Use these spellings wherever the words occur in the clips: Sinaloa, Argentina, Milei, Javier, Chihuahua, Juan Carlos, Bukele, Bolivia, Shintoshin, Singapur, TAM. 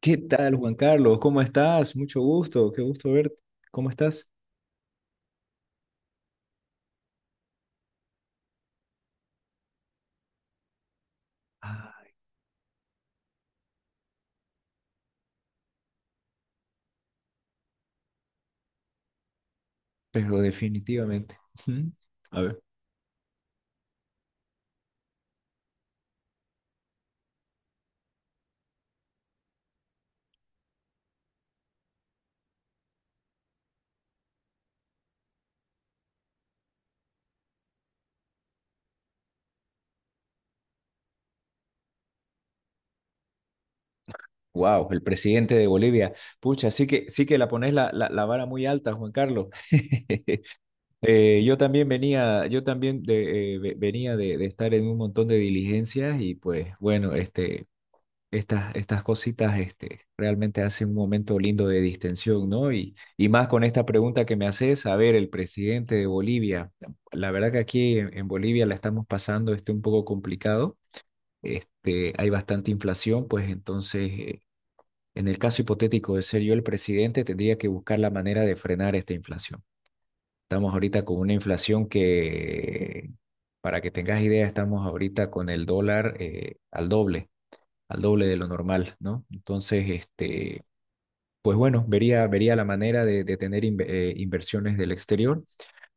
¿Qué tal, Juan Carlos? ¿Cómo estás? Mucho gusto, qué gusto verte. ¿Cómo estás? Ah, pero definitivamente. Ujú. A ver. Wow, el presidente de Bolivia. Pucha, sí que la pones la vara muy alta, Juan Carlos. Yo también venía, yo también de, ve- venía de estar en un montón de diligencias y pues bueno, este, estas cositas este, realmente hacen un momento lindo de distensión, ¿no? Y más con esta pregunta que me haces, a ver, el presidente de Bolivia. La verdad que aquí en Bolivia la estamos pasando este, un poco complicado, este, hay bastante inflación, pues entonces, en el caso hipotético de ser yo el presidente, tendría que buscar la manera de frenar esta inflación. Estamos ahorita con una inflación que, para que tengas idea, estamos ahorita con el dólar al doble, al doble de lo normal, ¿no? Entonces, este, pues bueno, vería, vería la manera de tener inversiones del exterior,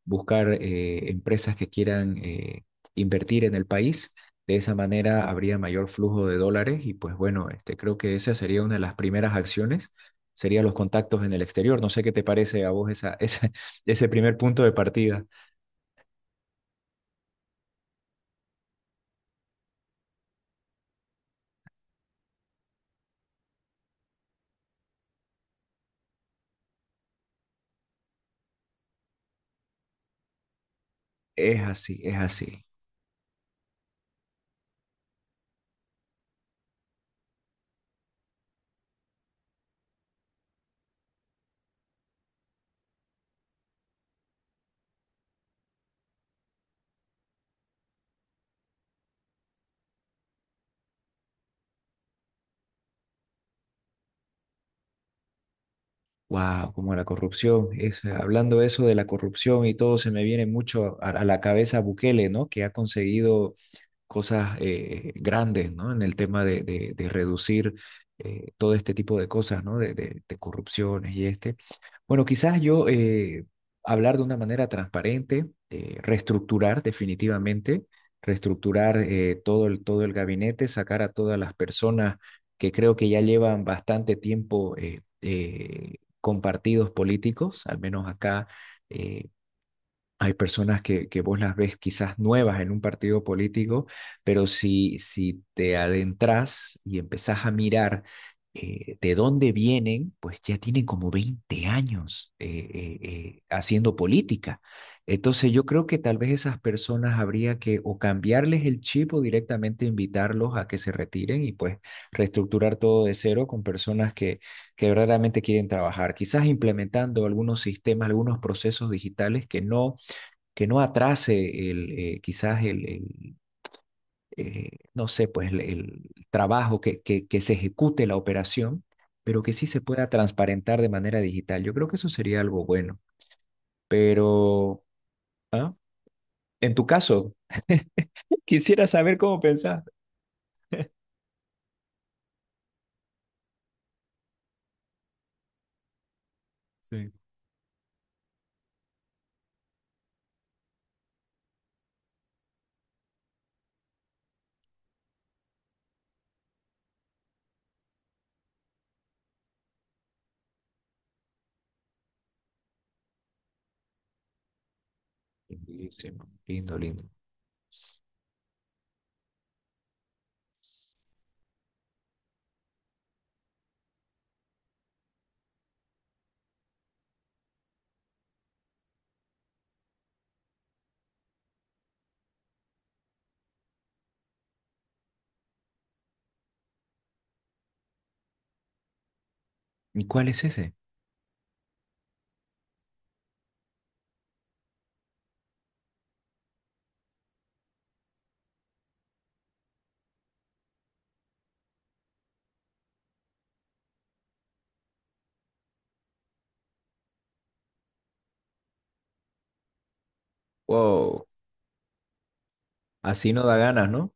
buscar empresas que quieran invertir en el país. De esa manera habría mayor flujo de dólares y pues bueno, este, creo que esa sería una de las primeras acciones, serían los contactos en el exterior. No sé qué te parece a vos ese primer punto de partida. Es así, es así. Wow, como la corrupción. Es, hablando eso de la corrupción y todo, se me viene mucho a la cabeza Bukele, ¿no? Que ha conseguido cosas grandes, ¿no? En el tema de reducir todo este tipo de cosas, ¿no? De corrupciones y este. Bueno, quizás yo hablar de una manera transparente, reestructurar definitivamente, reestructurar todo el gabinete, sacar a todas las personas que creo que ya llevan bastante tiempo con partidos políticos, al menos acá eh, hay personas que vos las ves quizás nuevas en un partido político, pero si te adentras y empezás a mirar de dónde vienen, pues ya tienen como 20 años haciendo política. Entonces yo creo que tal vez esas personas habría que o cambiarles el chip o directamente invitarlos a que se retiren y pues reestructurar todo de cero con personas que verdaderamente quieren trabajar, quizás implementando algunos sistemas, algunos procesos digitales que no atrase el, quizás el, no sé, pues el trabajo que se ejecute la operación, pero que sí se pueda transparentar de manera digital. Yo creo que eso sería algo bueno. Pero, ¿ah? En tu caso, quisiera saber cómo pensás. Sí. Lindísimo, lindo, lindo. ¿Y cuál es ese? Wow, así no da ganas, ¿no?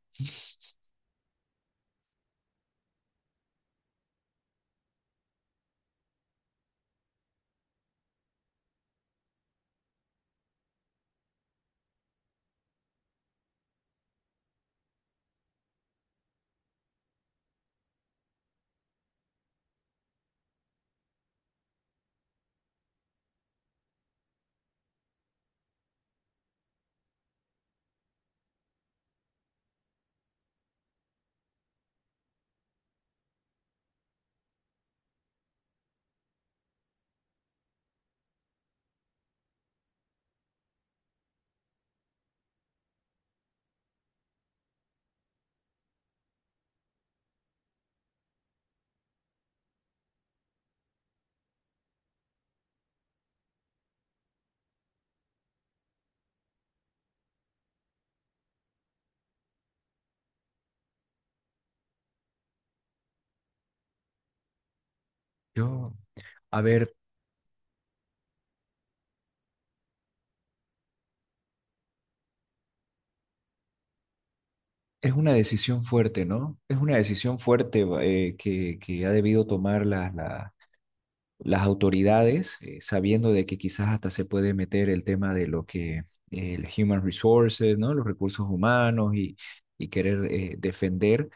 Yo, a ver, es una decisión fuerte, ¿no? Es una decisión fuerte que ha debido tomar las, las autoridades, sabiendo de que quizás hasta se puede meter el tema de lo que el human resources, ¿no? Los recursos humanos y querer defender,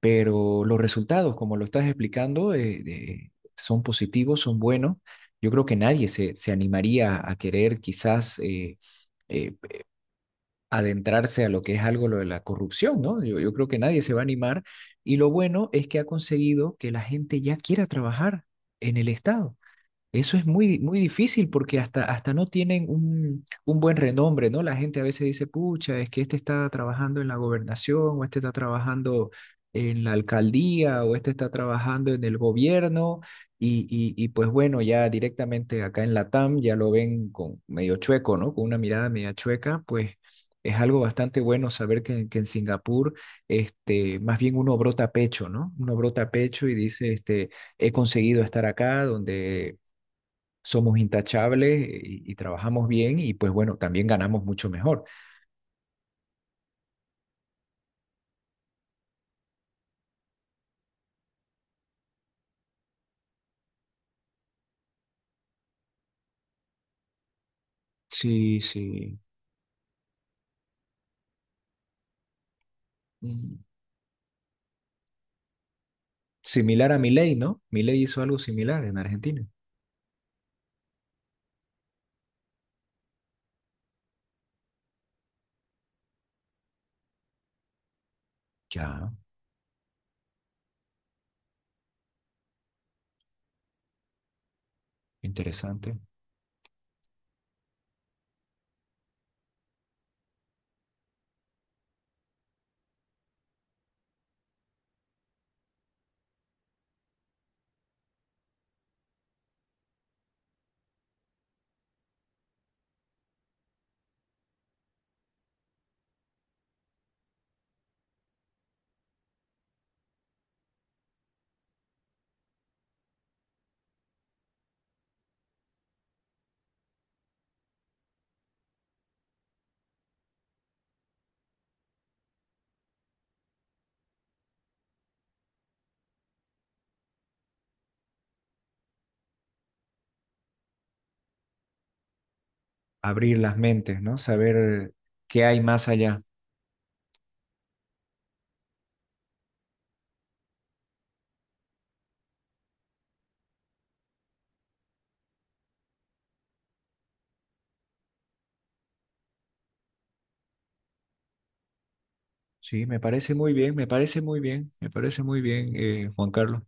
pero los resultados, como lo estás explicando, son positivos, son buenos. Yo creo que nadie se animaría a querer quizás eh, adentrarse a lo que es algo lo de la corrupción, ¿no? Yo creo que nadie se va a animar. Y lo bueno es que ha conseguido que la gente ya quiera trabajar en el Estado. Eso es muy, muy difícil porque hasta no tienen un buen renombre, ¿no? La gente a veces dice, pucha, es que este está trabajando en la gobernación, o este está trabajando en la alcaldía, o este está trabajando en el gobierno, y pues bueno, ya directamente acá en la TAM ya lo ven con medio chueco, ¿no? Con una mirada media chueca, pues es algo bastante bueno saber que en Singapur, este, más bien uno brota pecho, ¿no? Uno brota pecho y dice, este he conseguido estar acá, donde somos intachables y trabajamos bien y pues bueno, también ganamos mucho mejor. Sí, sí. Mm, Similar a Milei, ¿no? Milei hizo algo similar en Argentina. Ya, interesante. Abrir las mentes, ¿no? Saber qué hay más allá. Sí, me parece muy bien, me parece muy bien, me parece muy bien, Juan Carlos.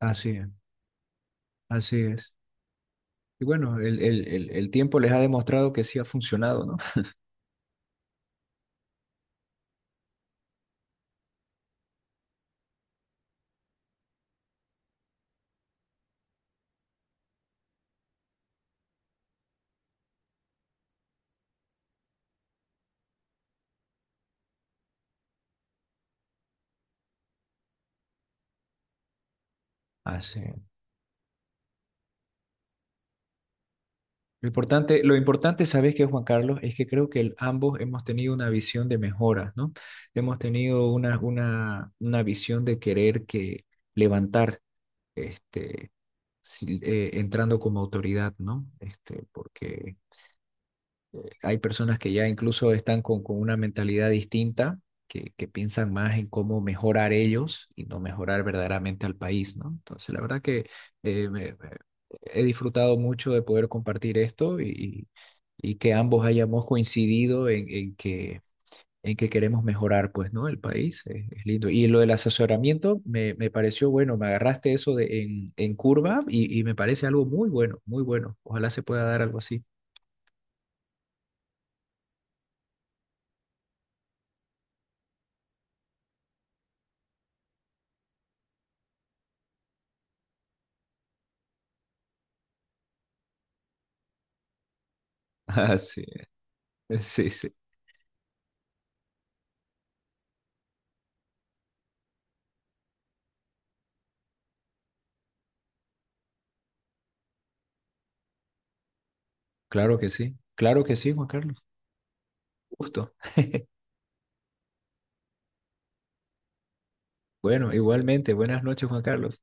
Así es, así es. Y bueno, el tiempo les ha demostrado que sí ha funcionado, ¿no? Así lo importante, ¿sabes qué, Juan Carlos? Es que creo que ambos hemos tenido una visión de mejoras, ¿no? Hemos tenido una visión de querer que levantar, este, entrando como autoridad, ¿no? Este, porque hay personas que ya incluso están con una mentalidad distinta, que piensan más en cómo mejorar ellos y no mejorar verdaderamente al país, ¿no? Entonces, la verdad que eh, me- me- he disfrutado mucho de poder compartir esto y que ambos hayamos coincidido en que queremos mejorar, pues, ¿no? El país es lindo. Y lo del asesoramiento me pareció bueno, me agarraste eso de, en curva y me parece algo muy bueno, muy bueno. Ojalá se pueda dar algo así. Ah, sí, sí, sí. Claro que sí, claro que sí, Juan Carlos. Justo. Bueno, igualmente, buenas noches, Juan Carlos.